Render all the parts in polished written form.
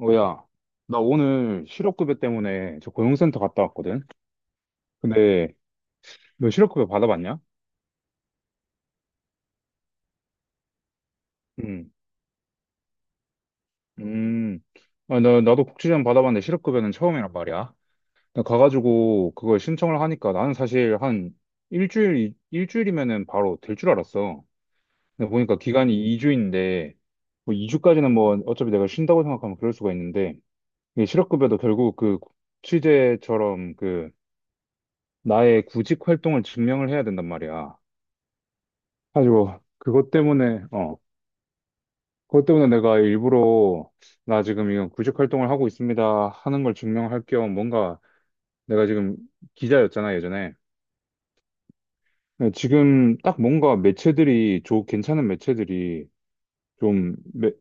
어, 야, 나 오늘 실업급여 때문에 저 고용센터 갔다 왔거든? 근데 너 실업급여 받아봤냐? 응. 음, 아, 나도 복지관 받아봤는데 실업급여는 처음이란 말이야. 나 가가지고 그걸 신청을 하니까 나는 사실 한 일주일, 일주일이면은 바로 될 줄 알았어. 근데 보니까 기간이 2주인데, 뭐 2주까지는 뭐 어차피 내가 쉰다고 생각하면 그럴 수가 있는데, 이 실업급여도 결국 그 취재처럼 그 나의 구직 활동을 증명을 해야 된단 말이야. 가지고 그것 때문에 내가 일부러 나 지금 이건 구직 활동을 하고 있습니다 하는 걸 증명할 겸 뭔가 내가 지금 기자였잖아 예전에. 근데 지금 딱 뭔가 매체들이 좋 괜찮은 매체들이 좀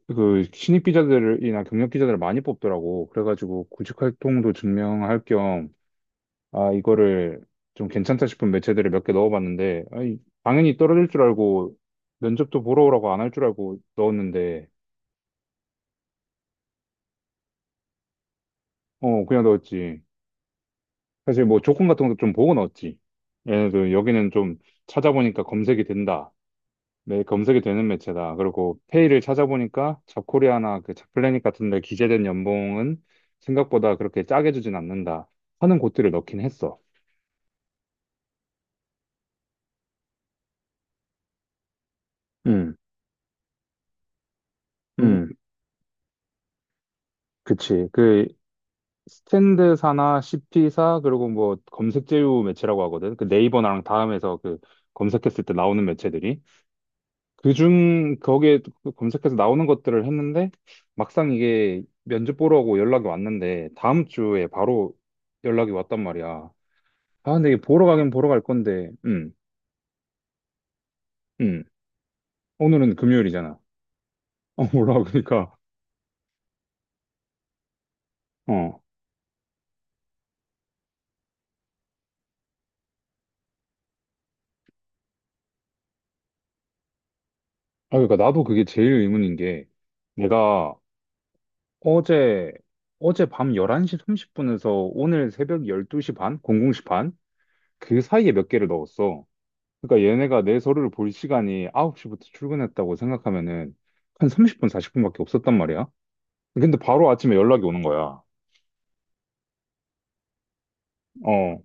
그 신입 기자들이나 경력 기자들을 많이 뽑더라고. 그래가지고 구직 활동도 증명할 겸 아 이거를 좀 괜찮다 싶은 매체들을 몇 개 넣어봤는데, 아니, 당연히 떨어질 줄 알고 면접도 보러 오라고 안 할 줄 알고 넣었는데. 어, 그냥 넣었지. 사실 뭐 조건 같은 것도 좀 보고 넣었지. 얘네도 여기는 좀 찾아보니까 검색이 된다. 네, 검색이 되는 매체다. 그리고 페이를 찾아보니까 잡코리아나 그 잡플래닛 같은 데 기재된 연봉은 생각보다 그렇게 짜게 주진 않는다 하는 곳들을 넣긴 했어. 음, 음, 그치. 그 스탠드사나 CP사 그리고 뭐 검색 제휴 매체라고 하거든. 그 네이버랑 다음에서 그 검색했을 때 나오는 매체들이. 그중 거기에 검색해서 나오는 것들을 했는데, 막상 이게 면접 보러 오고 연락이 왔는데, 다음 주에 바로 연락이 왔단 말이야. 아, 근데 이게 보러 가긴 보러 갈 건데, 음, 오늘은 금요일이잖아. 어, 몰라, 그러니까, 어. 아, 그러니까 나도 그게 제일 의문인 게, 내가 어제, 어제 밤 11시 30분에서 오늘 새벽 12시 반? 00시 반? 그 사이에 몇 개를 넣었어. 그러니까 얘네가 내 서류를 볼 시간이 9시부터 출근했다고 생각하면은 한 30분, 40분밖에 없었단 말이야. 근데 바로 아침에 연락이 오는 거야. 어,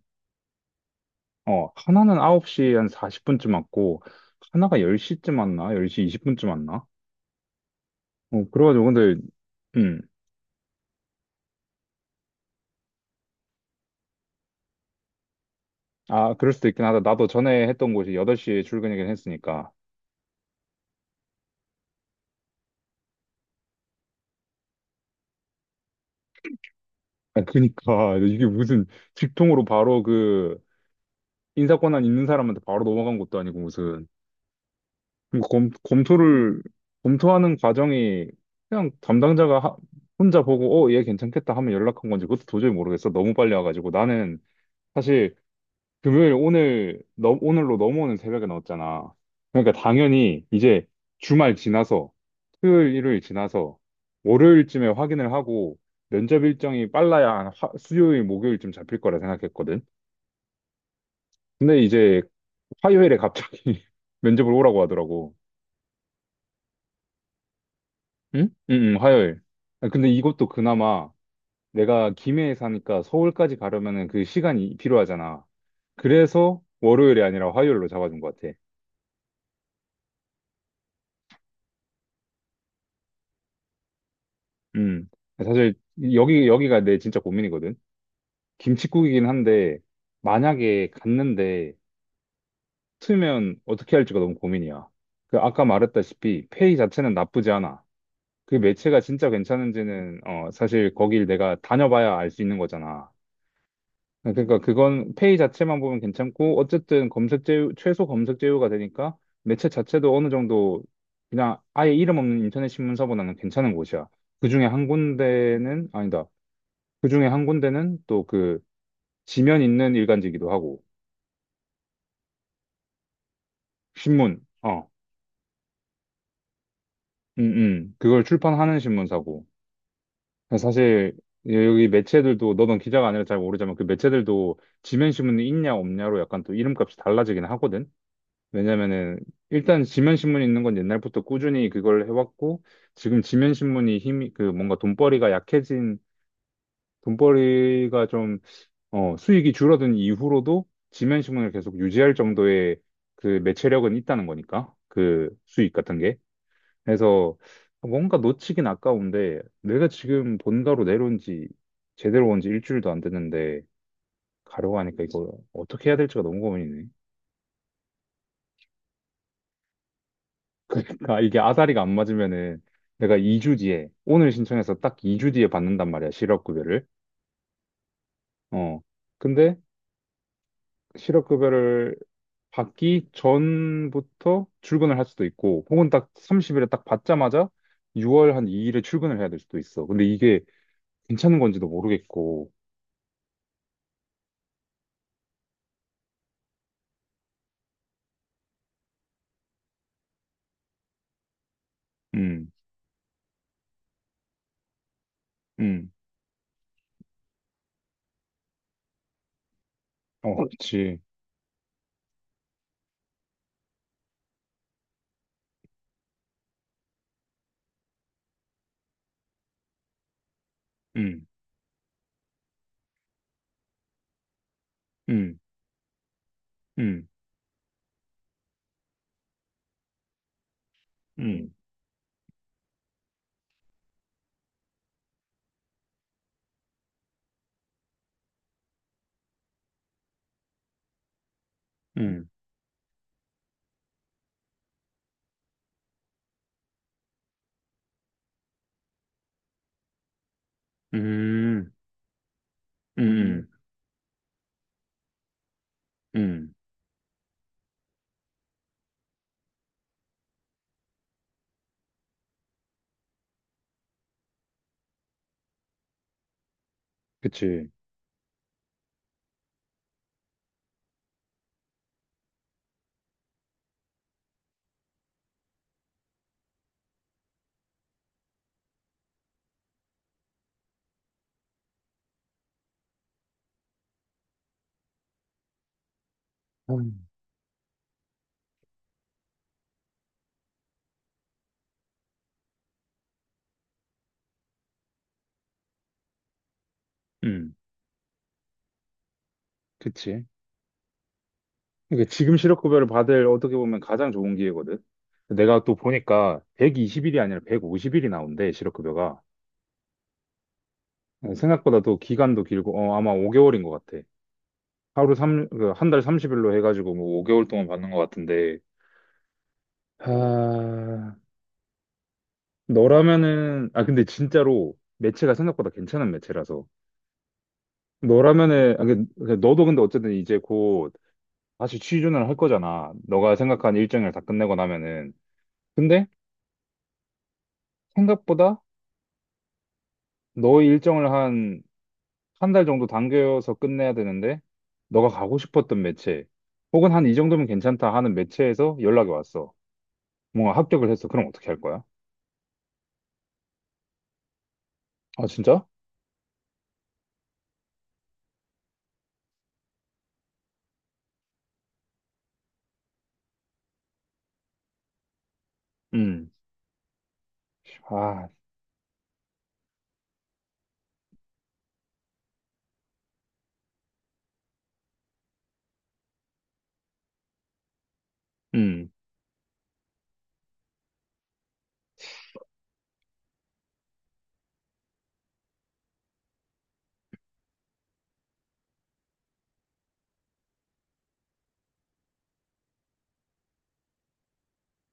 어. 하나는 9시 한 40분쯤 왔고, 하나가 10시쯤 왔나? 10시 20분쯤 왔나? 어, 그래가지고 근데, 음. 아, 그럴 수도 있긴 하다. 나도 전에 했던 곳이 8시에 출근이긴 했으니까. 아, 그니까. 이게 무슨 직통으로 바로 그 인사권한 있는 사람한테 바로 넘어간 것도 아니고 무슨. 그럼 검토하는 과정이 그냥 담당자가 혼자 보고, 어, 얘 괜찮겠다 하면 연락한 건지, 그것도 도저히 모르겠어. 너무 빨리 와가지고. 나는 사실 금요일 오늘, 너, 오늘로 넘어오는 새벽에 넣었잖아. 그러니까 당연히 이제 주말 지나서, 토요일, 일요일 지나서, 월요일쯤에 확인을 하고, 면접 일정이 빨라야 한 화- 수요일, 목요일쯤 잡힐 거라 생각했거든. 근데 이제 화요일에 갑자기 면접을 오라고 하더라고. 응? 응, 응, 화요일. 아, 근데 이것도 그나마 내가 김해에 사니까 서울까지 가려면은 그 시간이 필요하잖아. 그래서 월요일이 아니라 화요일로 잡아준 것 같아. 음. 사실 여기가 내 진짜 고민이거든. 김칫국이긴 한데 만약에 갔는데 틀면 어떻게 할지가 너무 고민이야. 그 아까 말했다시피 페이 자체는 나쁘지 않아. 그 매체가 진짜 괜찮은지는 어 사실 거길 내가 다녀봐야 알 수 있는 거잖아. 네, 그러니까 그건 페이 자체만 보면 괜찮고, 어쨌든 검색 제휴 최소 검색 제휴가 되니까 매체 자체도 어느 정도 그냥 아예 이름 없는 인터넷 신문사보다는 괜찮은 곳이야. 그중에 한 군데는 아니다. 그중에 한 군데는 또 그 지면 있는 일간지기도 하고. 신문 어 그걸 출판하는 신문사고. 사실 여기 매체들도, 너는 기자가 아니라 잘 모르지만, 그 매체들도 지면 신문이 있냐 없냐로 약간 또 이름값이 달라지긴 하거든. 왜냐면은 일단 지면신문이 있는 건 옛날부터 꾸준히 그걸 해왔고, 지금 지면신문이 힘이 그 뭔가 돈벌이가 좀 어, 수익이 줄어든 이후로도 지면신문을 계속 유지할 정도의 그 매체력은 있다는 거니까 그 수익 같은 게. 그래서 뭔가 놓치긴 아까운데, 내가 지금 본가로 내려온 지 제대로 온지 일주일도 안 됐는데 가려고 하니까 이거 어떻게 해야 될지가 너무 고민이네. 그러니까 이게 아다리가 안 맞으면은, 내가 2주 뒤에 오늘 신청해서 딱 2주 뒤에 받는단 말이야 실업급여를. 어 근데 실업급여를 받기 전부터 출근을 할 수도 있고, 혹은 딱 30일에 딱 받자마자 6월 한 2일에 출근을 해야 될 수도 있어. 근데 이게 괜찮은 건지도 모르겠고. 음음어. 그렇지. 음음음음음음음음. 그치. 음, 음. 음, 음, 음, 음. 그치. 이게 지금 실업 급여를 받을, 어떻게 보면 가장 좋은 기회거든. 내가 또 보니까 120일이 아니라 150일이 나온대, 실업 급여가. 생각보다 또 기간도 길고, 어, 아마 5개월인 것 같아. 하루 삼 한달 30일로 해가지고 뭐 5개월 동안 받는 것 같은데. 아, 너라면은, 아 근데 진짜로 매체가 생각보다 괜찮은 매체라서 너라면은, 그 너도 근데 어쨌든 이제 곧 다시 취준을 할 거잖아, 너가 생각한 일정을 다 끝내고 나면은. 근데 생각보다 너의 일정을 한 한 달 정도 당겨서 끝내야 되는데 너가 가고 싶었던 매체 혹은 한 이 정도면 괜찮다 하는 매체에서 연락이 왔어. 뭔가 합격을 했어. 그럼 어떻게 할 거야? 아, 진짜? 음. 아, 음.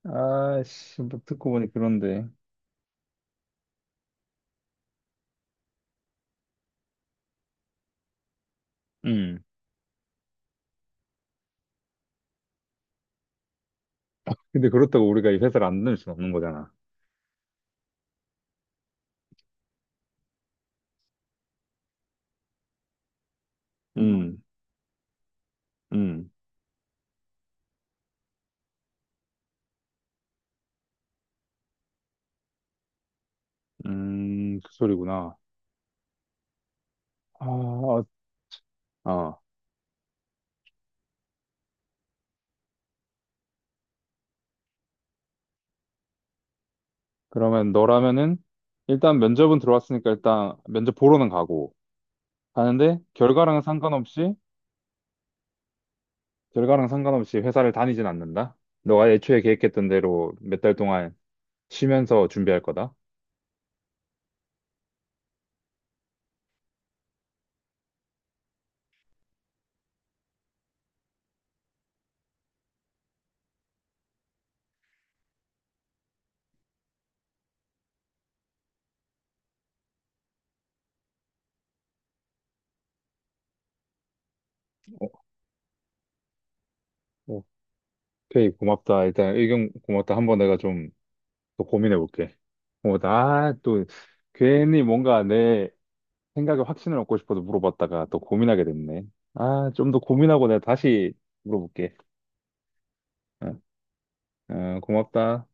아, 씨, 뭐 듣고 보니 그런데. 음. 근데 그렇다고 우리가 이 회사를 안 다닐 수는 없는 거잖아. 음. 음. 음. 그 소리구나. 아, 어, 어. 그러면 너라면은 일단 면접은 들어왔으니까 일단 면접 보러는 가고, 가는데 결과랑은 상관없이, 결과랑 상관없이 회사를 다니진 않는다? 너가 애초에 계획했던 대로 몇 달 동안 쉬면서 준비할 거다? 어, 오케이, 고맙다. 일단 의견 고맙다. 한번 내가 좀 더 고민해 볼게. 어, 나 또 괜히 뭔가 내 생각에 확신을 얻고 싶어서 물어봤다가 또 고민하게 됐네. 아, 좀 더 고민하고 내가 다시 물어볼게. 어, 어, 고맙다.